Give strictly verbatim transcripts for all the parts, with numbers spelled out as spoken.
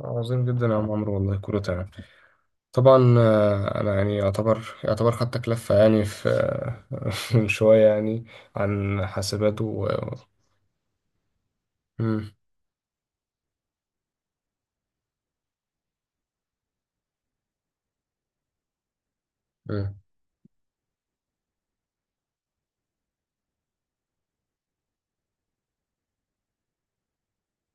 عظيم جدا يا عم عمرو، والله كله تمام. طبعا، آه، انا يعني يعتبر يعتبر خدتك لفه يعني في من شويه يعني عن حاسبات و مم، مم.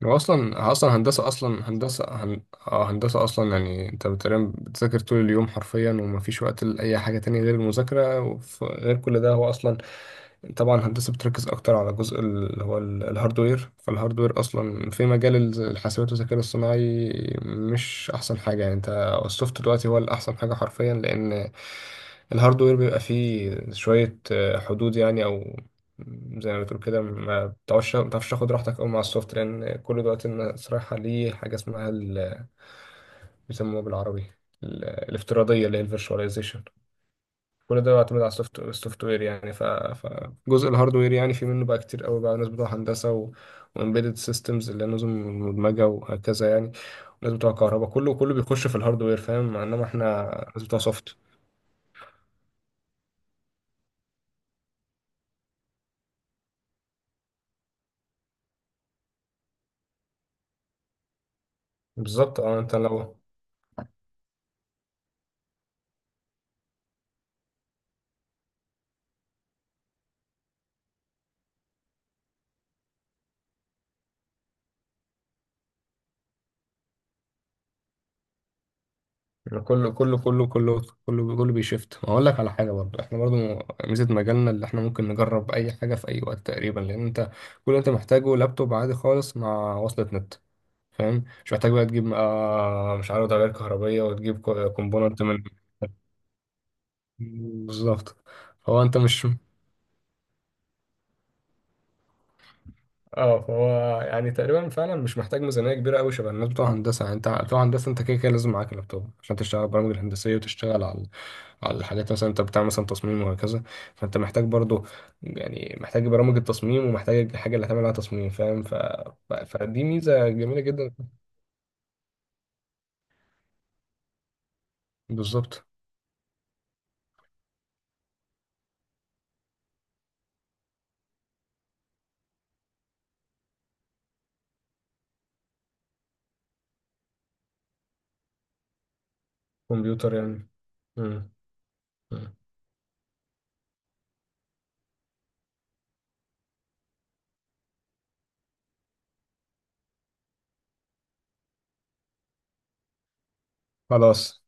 هو اصلا اصلا هندسه اصلا هندسه هن... آه، هندسه اصلا يعني انت بتقريبا بتذاكر طول اليوم حرفيا، ومفيش وقت لاي حاجه تانية غير المذاكره، وغير كل ده هو اصلا. طبعا الهندسة بتركز أكتر على جزء اللي هو ال- الهاردوير. فالهاردوير أصلا في مجال الز- الحاسبات والذكاء الاصطناعي مش أحسن حاجة. يعني أنت السوفت دلوقتي هو الأحسن حاجة حرفيا، لأن الهاردوير بيبقى فيه شوية آه، حدود يعني، أو زي ما بتقول كده، ما بتعرفش ما بتعرفش تاخد راحتك أوي مع السوفت، لأن كل دلوقتي الناس رايحة ليه حاجة اسمها ال- بيسموها بالعربي ال- الافتراضية اللي هي الفيرشواليزيشن. كل ده بيعتمد على السوفت، السوفت وير يعني. ف... فجزء الهاردوير يعني في منه بقى كتير قوي بقى، ناس بتوع هندسه و... وامبيدد سيستمز اللي هي نظم مدمجه وهكذا يعني، وناس بتوع كهرباء كله كله بيخش في الهاردوير، فاهم؟ انما احنا ناس بتوع سوفت. بالظبط اه. انت لو كله كله كله كله كله كله بيشفت. هقول لك على حاجه، برضه احنا برضه ميزه مجالنا اللي احنا ممكن نجرب اي حاجه في اي وقت تقريبا، لان انت كل اللي انت محتاجه لابتوب عادي خالص مع وصلة نت، فاهم؟ مش محتاج بقى تجيب آه مش عارف تغيير كهربية، وتجيب كو- كومبوننت من. بالظبط. هو انت مش، اه هو يعني تقريبا فعلا مش محتاج ميزانية كبيرة قوي شبه الناس بتوع هندسة. يعني انت بتوع هندسة، انت كده كده لازم معاك لابتوب عشان تشتغل البرامج الهندسية، وتشتغل على على الحاجات مثلا. انت بتعمل مثلا تصميم وهكذا، فانت محتاج برضو، يعني محتاج برامج التصميم، ومحتاج الحاجة اللي هتعمل عليها تصميم، فاهم؟ ف... ف- فدي ميزة جميلة جدا. بالظبط. كمبيوتر يعني. مم. مم. خلاص.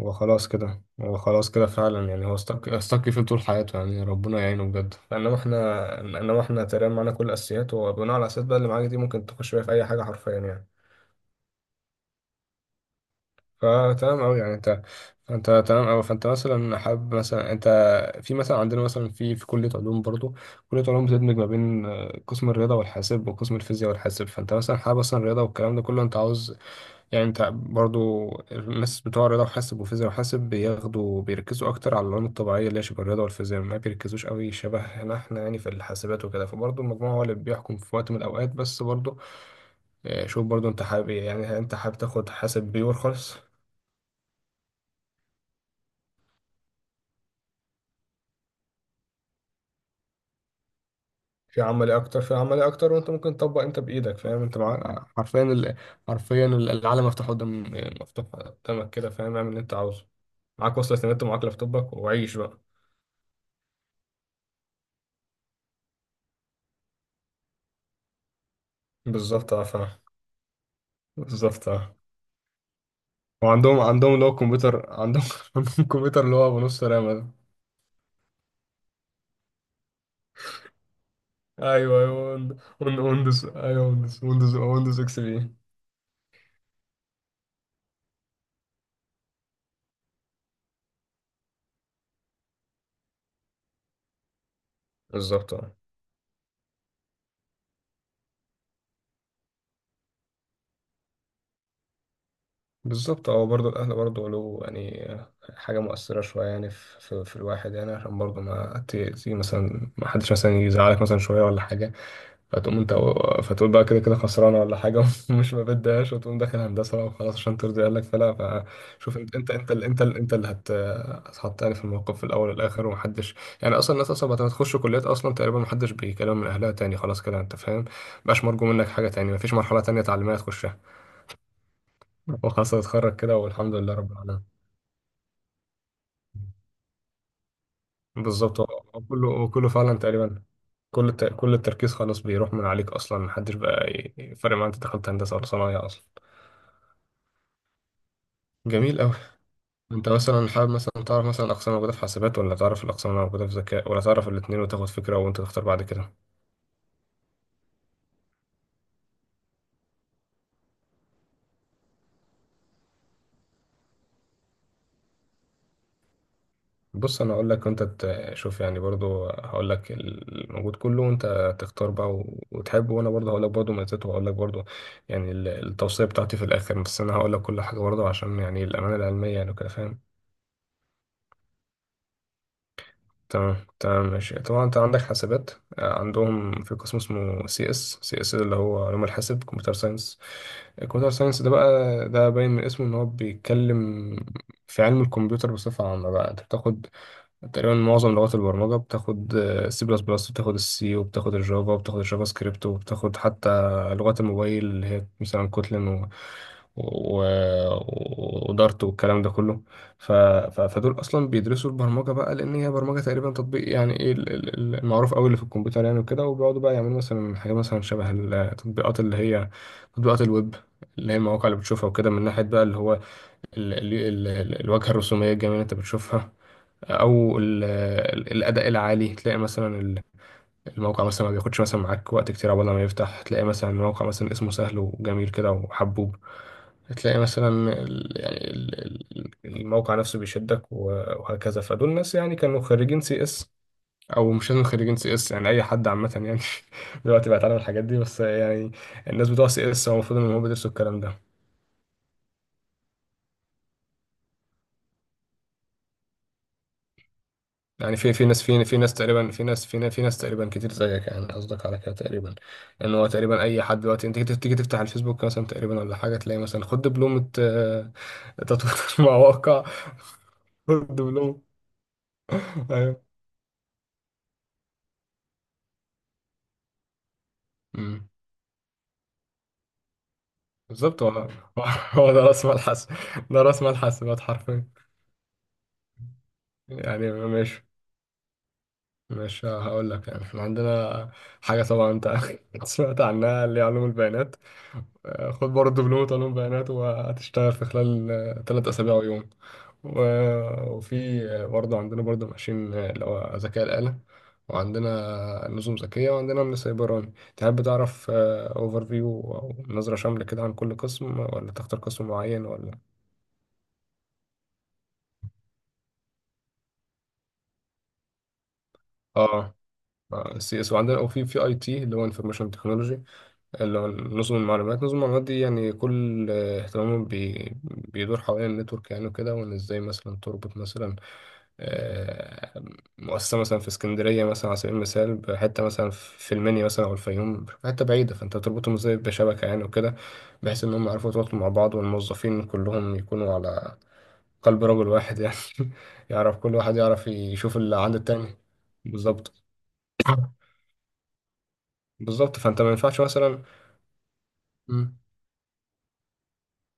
هو خلاص كده، هو خلاص كده فعلا يعني، هو استك استك فيه طول حياته يعني ربنا يعينه بجد. فانما احنا، انما احنا تقريبا معانا كل الاساسيات، وبناء على الاساسيات بقى اللي معاك دي ممكن تخش بيها في اي حاجه حرفيا يعني. فتمام قوي يعني انت، انت تمام قوي. فانت مثلا حابب مثلا انت، في مثلا عندنا مثلا في في كليه علوم برضو. كليه علوم بتدمج ما بين آه، قسم الرياضه والحاسب وقسم الفيزياء والحاسب. فانت مثلا حابب مثلا الرياضه والكلام ده كله، انت عاوز يعني. انت برضو الناس بتوع رياضة وحاسب وفيزياء وحاسب بياخدوا بيركزوا اكتر على العلوم الطبيعية اللي هي شبه الرياضة والفيزياء، ما بيركزوش قوي شبه احنا، احنا يعني في الحاسبات وكده، فبرضو المجموع هو اللي بيحكم في وقت من الاوقات، بس برضو اه. شوف برضو انت حابب ايه. يعني هل انت حابب تاخد حاسب بيور خالص في عملي اكتر، في عملي اكتر، وانت ممكن تطبق انت بايدك فاهم. انت مع... حرفيا ال... حرفيا ال- العالم مفتوح قدام، مفتوح قدامك كده فاهم. اعمل اللي انت عاوزه، معاك وصلة النت ومعاك لابتوبك وعيش بقى. بالظبط اه فاهم. بالظبط اه. وعندهم عندهم اللي هو الكمبيوتر عندهم عندهم كمبيوتر اللي هو بنص رامة ده. ايوه ايوه ويند- ويند- ويندوز، ايوه ويندوز، ويندوز ويندوز اكس بي. بالظبط اه. بالظبط اه، برضه الاهل برضه له يعني حاجه مؤثره شويه يعني في, في, في الواحد يعني، عشان برضه ما تيجي مثلا ما حدش مثلا يزعلك مثلا شويه ولا حاجه، فتقوم انت فتقول بقى كده كده خسرانه ولا حاجه ومش ما بدهاش، وتقوم داخل هندسه بقى وخلاص عشان ترضي اهلك فلا. فشوف انت، انت انت اللي انت اللي انت اللي هت هتحط يعني في الموقف في الاول والاخر، ومحدش يعني اصلا. الناس اصلا بعد ما تخش كليات اصلا تقريبا محدش بيكلم من اهلها تاني، خلاص كده انت فاهم. مبقاش مرجو منك حاجه تاني، مفيش مرحله تانيه تعليميه تخشها وخلاص. هتتخرج كده والحمد لله رب العالمين. بالظبط وكله، وكله فعلا تقريبا كل الت... كل التركيز خلاص بيروح من عليك اصلا، محدش بقى ي- فارق معاه انت دخلت هندسه ولا صنايع اصلا. جميل قوي. انت مثلا حابب مثلا تعرف مثلا اقسام موجوده في حاسبات، ولا تعرف الاقسام اللي موجوده في ذكاء، ولا تعرف الاثنين وتاخد فكره وانت تختار بعد كده. بص انا اقول لك وانت تشوف يعني، برضو هقول لك الموجود كله وانت تختار بقى و- وتحب، وانا برضو هقول لك برضو ميزاته، وهقول لك برضو يعني ال- التوصيه بتاعتي في الاخر. بس انا هقول لك كل حاجه برضو عشان يعني الامانه العلميه يعني وكده فاهم. تمام تمام ماشي. طبعا انت عندك حاسبات، آه، عندهم في قسم اسمه سي اس سي اس اللي هو علوم الحاسب كمبيوتر ساينس. الكمبيوتر ساينس ده بقى ده باين من اسمه ان هو بيتكلم في علم الكمبيوتر بصفة عامة. بقى انت بتاخد تقريبا معظم لغات البرمجة، بتاخد سي بلس بلس وبتاخد السي وبتاخد الجافا وبتاخد الجافا سكريبت، وبتاخد حتى لغات الموبايل اللي هي مثلا كوتلين و... و... ودارت والكلام ده كله. ف... ف... فدول أصلا بيدرسوا البرمجة بقى، لأن هي برمجة تقريبا تطبيق. يعني إيه ال- ال- ال- المعروف أوي اللي في الكمبيوتر يعني وكده. وبيقعدوا بقى يعملوا مثلا حاجة مثلا شبه التطبيقات اللي هي تطبيقات الويب اللي هي المواقع اللي بتشوفها وكده، من ناحية بقى اللي هو ال... ال... ال... الواجهة الرسومية الجميلة اللي أنت بتشوفها، او ال- ال- الاداء العالي. تلاقي مثلا ال- الموقع مثلا ما بياخدش مثلا معاك وقت كتير عقبال ما يفتح، تلاقي مثلا الموقع مثلا اسمه سهل وجميل كده وحبوب، تلاقي مثلا ال- يعني ال- ال- الموقع نفسه بيشدك و- وهكذا. فدول ناس يعني كانوا خريجين سي اس، او مش لازم خريجين سي اس يعني اي حد عامه يعني دلوقتي بقى يتعلم الحاجات دي بس يعني. الناس بتوع سي اس هو المفروض ان هم بيدرسوا الكلام ده. يعني في في ناس في في ناس تقريبا في ناس في ناس في ناس تقريبا كتير زيك يعني، قصدك على كده تقريبا. لان هو تقريبا اي حد دلوقتي انت تيجي تيجي تفتح الفيسبوك مثلا تقريبا ولا حاجه تلاقي مثلا خد دبلومه آه، تطوير مواقع. خد دبلومه ايوه. أمم. بالظبط. هو، هو هو ده راس مال حسن، ده راس مال حسابات حرفيا. يعني مش مش هقول لك، يعني احنا عندنا حاجه طبعا انت سمعت عنها اللي هي علوم البيانات. آه، خد برضه دبلومة علوم بيانات وهتشتغل في خلال ثلاث أسابيع ويوم، و- وفي برضه عندنا برضه ماشين اللي هو ذكاء الآلة، وعندنا نظم ذكية، وعندنا من سيبراني. تحب تعرف اوفر فيو أو نظرة شاملة كده عن كل قسم، ولا تختار قسم معين ولا؟ اه سي اس، وعندنا وفي في اي تي اللي هو انفورميشن تكنولوجي اللي هو نظم المعلومات. نظم المعلومات دي يعني كل آه، اهتمامه بي بيدور حوالين النتورك يعني وكده، وان ازاي مثلا تربط مثلا آه، مؤسسة مثلا في اسكندرية مثلا على سبيل المثال بحتة، مثلا في المنيا مثلا أو الفيوم حتة بعيدة، فأنت بتربطهم ازاي بشبكة يعني وكده، بحيث إن هم يعرفوا يتواصلوا مع بعض، والموظفين كلهم يكونوا على قلب رجل واحد يعني يعرف كل واحد يعرف يشوف اللي عند التاني. بالظبط. بالظبط فأنت ما ينفعش مثلا،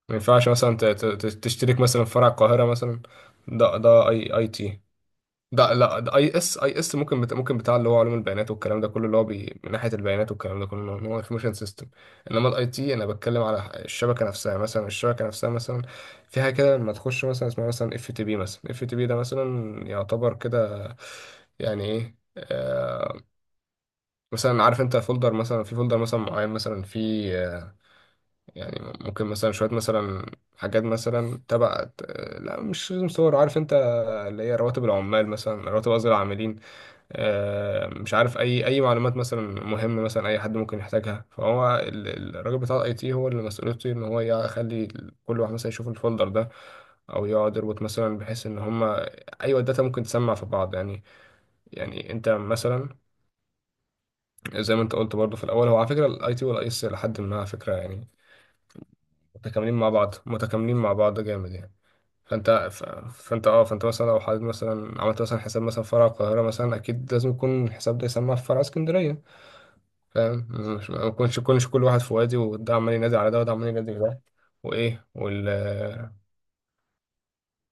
ما ينفعش مثلا ت- ت- ت- تشترك مثلا في فرع القاهرة مثلا. ده ده اي اي تي. ده لا، ده اي اس. اي اس ممكن بت... ممكن بتاع اللي هو علوم البيانات والكلام ده كله، اللي هو بي... من ناحية البيانات والكلام ده كله ان هو انفورميشن سيستم. انما الاي تي انا بتكلم على الشبكة نفسها مثلا، الشبكة نفسها مثلا فيها كده لما تخش مثلا اسمها مثلا اف تي بي مثلا. اف تي بي ده مثلا يعتبر كده يعني ايه آه، مثلا عارف انت فولدر مثلا، في فولدر مثلا معين مثلا في آه، يعني ممكن مثلا شوية مثلا حاجات مثلا تبع، لا مش لازم صور عارف انت، اللي هي رواتب العمال مثلا رواتب قصدي العاملين، آه، مش عارف اي اي معلومات مثلا مهمة مثلا اي حد ممكن يحتاجها. فهو ال- ال- الراجل بتاع الاي تي هو اللي مسؤوليته ان هو يخلي كل واحد مثلا يشوف الفولدر ده، او يقعد يربط مثلا بحيث ان هما ايوه الداتا ممكن تسمع في بعض يعني. يعني انت مثلا زي ما انت قلت برضو في الاول، هو على فكره الاي تي والاي اس لحد ما على فكره يعني متكاملين مع بعض، متكاملين مع بعض جامد يعني. فانت ف- فانت اه فانت مثلا لو حابب مثلا عملت مثلا حساب مثلا فرع القاهره مثلا، اكيد لازم يكون الحساب ده يسمى في فرع اسكندريه فاهم. مش ما يكونش كلش كل واحد في وادي، وده عمال ينادي على ده، وده عمال ينادي على ده، وايه وال.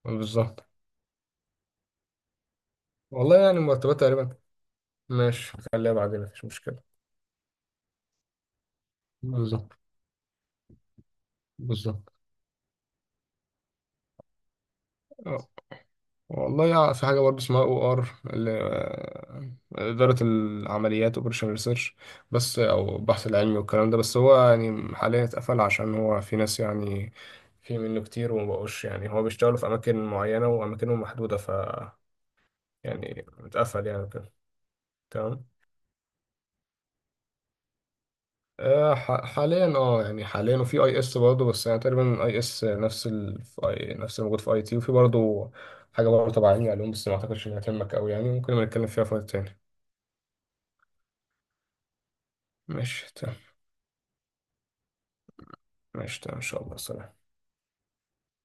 بالظبط. والله يعني المرتبات تقريبا. ماشي خليها بعدين مفيش مشكله. بالظبط بالظبط. والله يع- في حاجة برضه اسمها او ار، إدارة العمليات اوبريشن ريسيرش، بس او البحث العلمي والكلام ده. بس هو يعني حاليا اتقفل عشان هو في ناس يعني في منه كتير ومبقوش، يعني هو بيشتغلوا في أماكن معينة وأماكنهم محدودة، ف يعني اتقفل يعني كده. تمام. آه، ح- حاليا اه يعني حاليا، وفي اي اس برضه بس يعني تقريبا اي اس نفس ال... في I- نفس اللي موجود في اي تي. وفي برضه حاجة برضه تبع علمي علوم بس ما اعتقدش انها تهمك قوي يعني، ممكن نبقى نتكلم فيها في وقت تاني. ماشي. ماشي تمام، ان شاء الله. سلام.